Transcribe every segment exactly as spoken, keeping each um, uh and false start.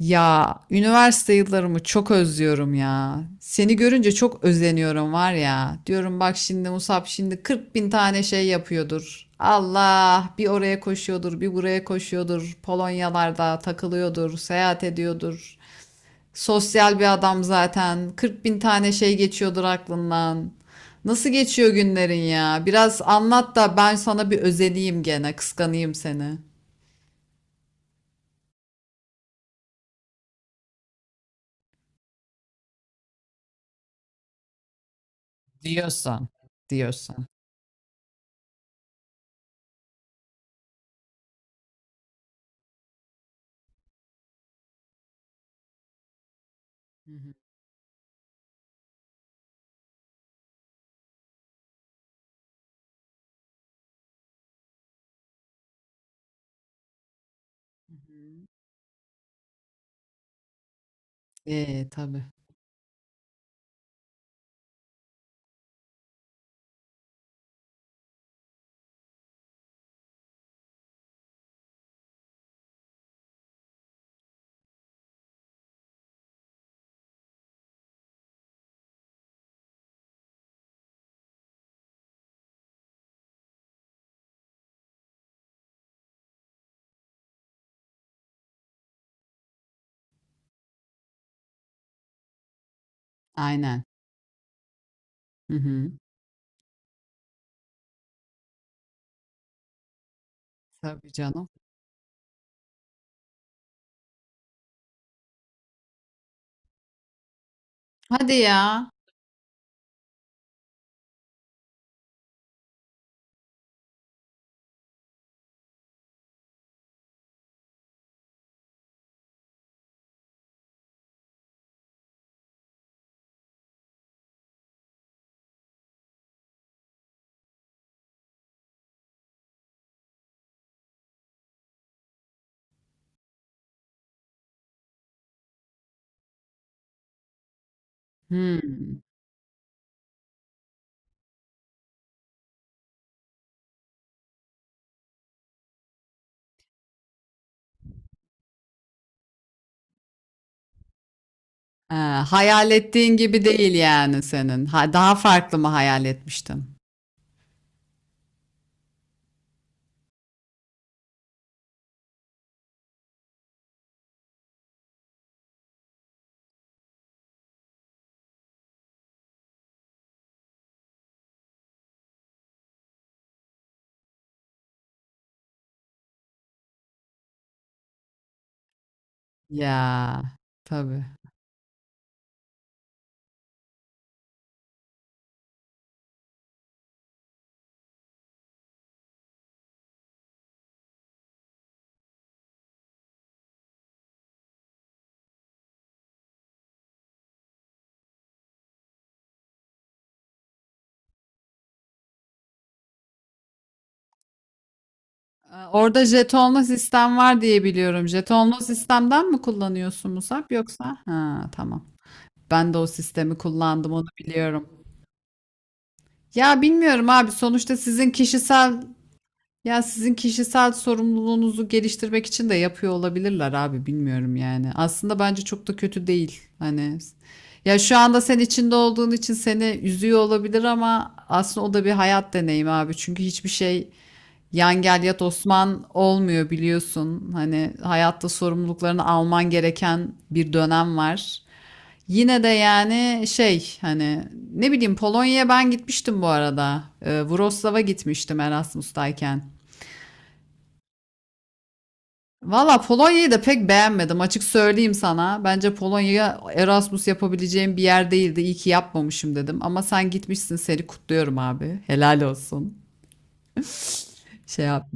Ya üniversite yıllarımı çok özlüyorum ya. Seni görünce çok özeniyorum var ya. Diyorum bak şimdi Musab şimdi kırk bin tane şey yapıyordur. Allah bir oraya koşuyordur, bir buraya koşuyordur. Polonyalarda takılıyordur, seyahat ediyordur. Sosyal bir adam zaten. kırk bin tane şey geçiyordur aklından. Nasıl geçiyor günlerin ya? Biraz anlat da ben sana bir özeneyim gene, kıskanayım seni. Diyorsan. diyorsan. Hı hı. Ee tabii. Aynen. Hı hı. Tabii canım. Hadi ya. Hmm. Ha, hayal ettiğin gibi değil yani senin. Ha, daha farklı mı hayal etmiştim? Ya tabii. Ee, Orada jetonlu sistem var diye biliyorum. Jetonlu sistemden mi kullanıyorsun Musab yoksa? Ha, tamam. Ben de o sistemi kullandım onu biliyorum. Ya bilmiyorum abi sonuçta sizin kişisel Ya sizin kişisel sorumluluğunuzu geliştirmek için de yapıyor olabilirler abi bilmiyorum yani. Aslında bence çok da kötü değil. Hani ya şu anda sen içinde olduğun için seni üzüyor olabilir ama aslında o da bir hayat deneyimi abi. Çünkü hiçbir şey yan gel yat Osman olmuyor biliyorsun. Hani hayatta sorumluluklarını alman gereken bir dönem var. Yine de yani şey hani ne bileyim Polonya'ya ben gitmiştim bu arada. Ee, Wrocław'a gitmiştim Erasmus'tayken. Valla Polonya'yı da pek beğenmedim, açık söyleyeyim sana. Bence Polonya'ya Erasmus yapabileceğim bir yer değildi. İyi ki yapmamışım dedim. Ama sen gitmişsin, seni kutluyorum abi. Helal olsun. Şey yap.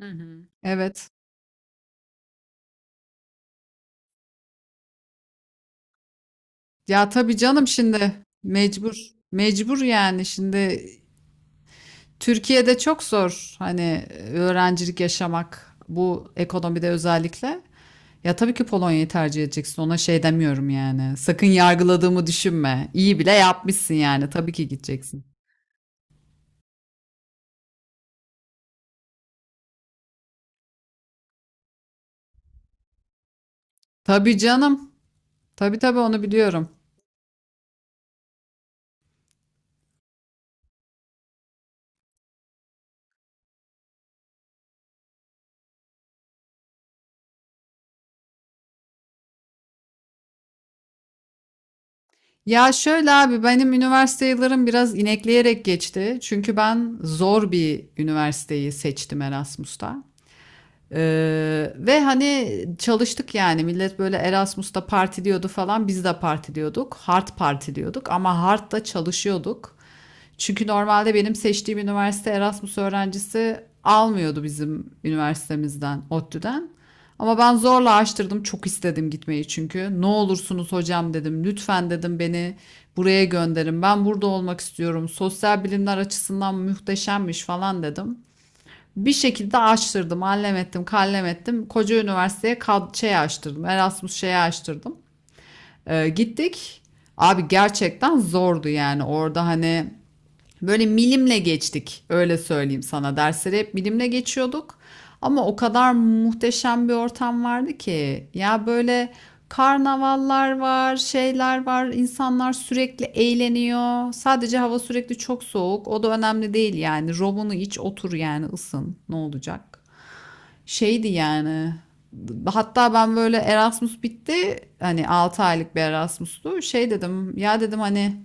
Hı hı. Evet. Ya tabii canım, şimdi mecbur. Mecbur yani şimdi Türkiye'de çok zor hani öğrencilik yaşamak bu ekonomide özellikle. Ya tabii ki Polonya'yı tercih edeceksin. Ona şey demiyorum yani. Sakın yargıladığımı düşünme. İyi bile yapmışsın yani. Tabii ki gideceksin. Tabii canım. Tabii tabii onu biliyorum. Ya şöyle abi benim üniversite yıllarım biraz inekleyerek geçti. Çünkü ben zor bir üniversiteyi seçtim Erasmus'ta. Ee, ve hani çalıştık yani, millet böyle Erasmus'ta partiliyordu falan, biz de partiliyorduk. Hard partiliyorduk ama hard da çalışıyorduk. Çünkü normalde benim seçtiğim üniversite Erasmus öğrencisi almıyordu bizim üniversitemizden, ODTÜ'den. Ama ben zorla açtırdım. Çok istedim gitmeyi çünkü. Ne olursunuz hocam dedim. Lütfen dedim, beni buraya gönderin. Ben burada olmak istiyorum. Sosyal bilimler açısından muhteşemmiş falan dedim. Bir şekilde açtırdım, allem ettim, kallem ettim. Koca üniversiteye kad şey açtırdım, Erasmus şeyi açtırdım. Ee, gittik. Abi gerçekten zordu yani orada hani böyle milimle geçtik, öyle söyleyeyim sana. Dersleri hep milimle geçiyorduk. Ama o kadar muhteşem bir ortam vardı ki. Ya böyle karnavallar var, şeyler var. İnsanlar sürekli eğleniyor. Sadece hava sürekli çok soğuk. O da önemli değil yani. Robunu iç, otur yani ısın. Ne olacak? Şeydi yani. Hatta ben böyle Erasmus bitti. Hani altı aylık bir Erasmus'tu. Şey dedim, ya dedim hani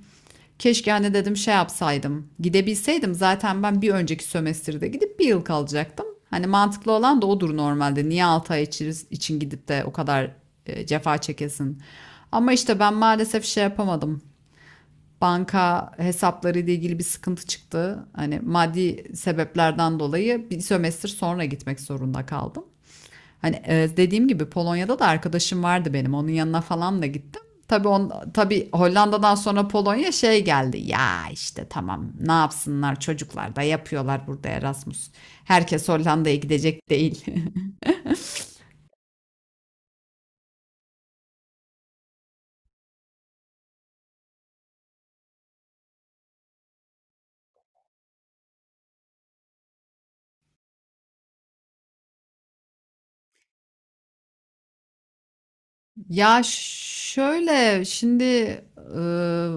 keşke hani dedim şey yapsaydım. Gidebilseydim zaten ben bir önceki sömestrde gidip bir yıl kalacaktım. Hani mantıklı olan da odur normalde. Niye altı ay için gidip de o kadar e, cefa çekesin. Ama işte ben maalesef şey yapamadım. Banka hesapları ile ilgili bir sıkıntı çıktı. Hani maddi sebeplerden dolayı bir sömestr sonra gitmek zorunda kaldım. Hani e, dediğim gibi Polonya'da da arkadaşım vardı benim. Onun yanına falan da gittim. Tabii on, tabii Hollanda'dan sonra Polonya şey geldi. Ya işte tamam, ne yapsınlar, çocuklar da yapıyorlar burada Erasmus. Herkes Hollanda'ya gidecek değil. Ya şöyle şimdi e,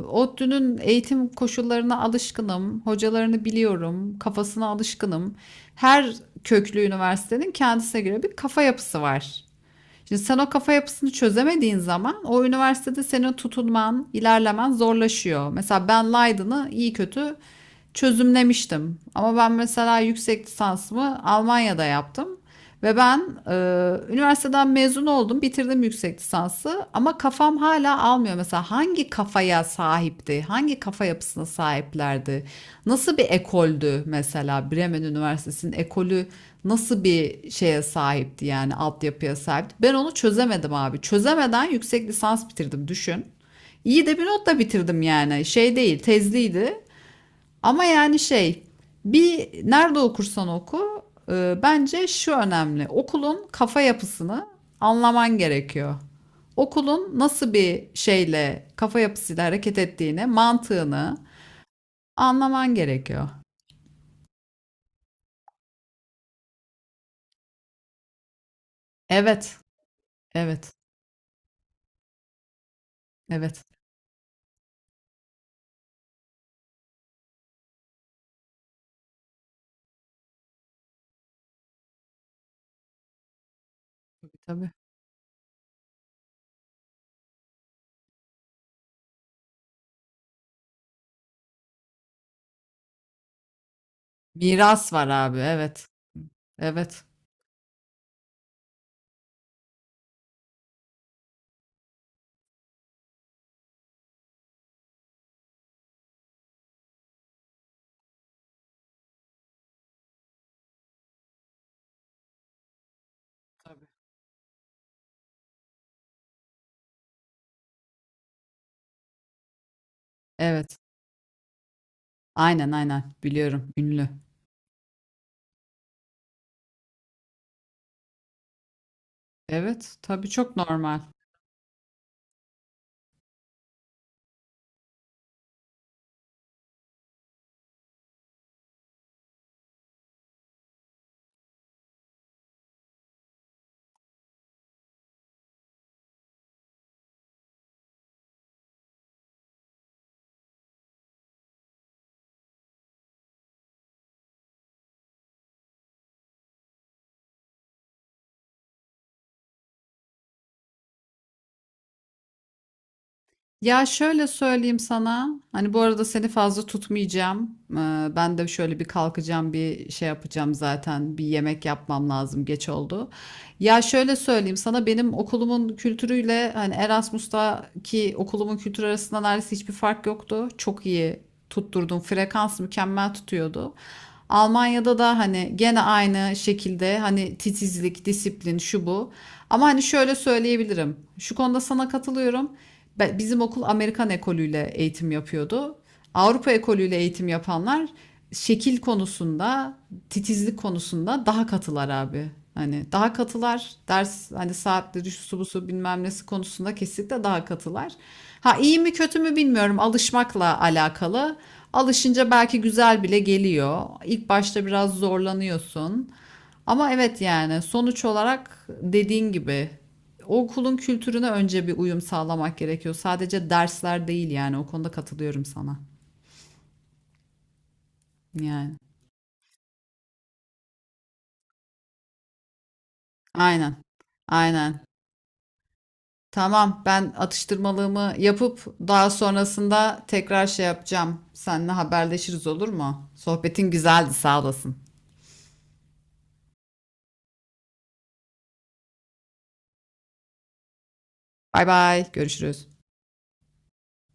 ODTÜ'nün eğitim koşullarına alışkınım, hocalarını biliyorum, kafasına alışkınım. Her köklü üniversitenin kendisine göre bir kafa yapısı var. Şimdi sen o kafa yapısını çözemediğin zaman o üniversitede senin tutunman, ilerlemen zorlaşıyor. Mesela ben Leiden'ı iyi kötü çözümlemiştim. Ama ben mesela yüksek lisansımı Almanya'da yaptım. Ve ben e, üniversiteden mezun oldum, bitirdim yüksek lisansı yapısı ama kafam hala almıyor. Mesela hangi kafaya sahipti? Hangi kafa yapısına sahiplerdi? Nasıl bir ekoldü mesela Bremen Üniversitesi'nin ekolü, nasıl bir şeye sahipti yani altyapıya sahipti? Ben onu çözemedim abi. Çözemeden yüksek lisans bitirdim, düşün. İyi de bir notla bitirdim yani. Şey değil, tezliydi. Ama yani şey bir nerede okursan oku e, bence şu önemli. Okulun kafa yapısını anlaman gerekiyor. Okulun nasıl bir şeyle kafa yapısıyla hareket ettiğini, mantığını anlaman gerekiyor. Evet, evet, evet. Tabii, tabii. Miras var abi, evet. Evet, evet. Aynen, aynen. Biliyorum, ünlü. Evet, tabii, çok normal. Ya şöyle söyleyeyim sana. Hani bu arada seni fazla tutmayacağım. Ee, ben de şöyle bir kalkacağım, bir şey yapacağım zaten. Bir yemek yapmam lazım. Geç oldu. Ya şöyle söyleyeyim sana, benim okulumun kültürüyle hani Erasmus'taki okulumun kültürü arasında neredeyse hiçbir fark yoktu. Çok iyi tutturdum. Frekans mükemmel tutuyordu. Almanya'da da hani gene aynı şekilde hani titizlik, disiplin, şu bu. Ama hani şöyle söyleyebilirim. Şu konuda sana katılıyorum. Bizim okul Amerikan ekolüyle eğitim yapıyordu. Avrupa ekolüyle eğitim yapanlar şekil konusunda, titizlik konusunda daha katılar abi. Hani daha katılar ders hani saatleri şusu busu bilmem nesi konusunda, kesinlikle daha katılar. Ha iyi mi kötü mü bilmiyorum, alışmakla alakalı. Alışınca belki güzel bile geliyor. İlk başta biraz zorlanıyorsun. Ama evet yani sonuç olarak dediğin gibi okulun kültürüne önce bir uyum sağlamak gerekiyor. Sadece dersler değil yani, o konuda katılıyorum sana. Yani aynen, aynen. Tamam, ben atıştırmalığımı yapıp daha sonrasında tekrar şey yapacağım. Seninle haberleşiriz, olur mu? Sohbetin güzeldi, sağ olasın. Bay bay, görüşürüz.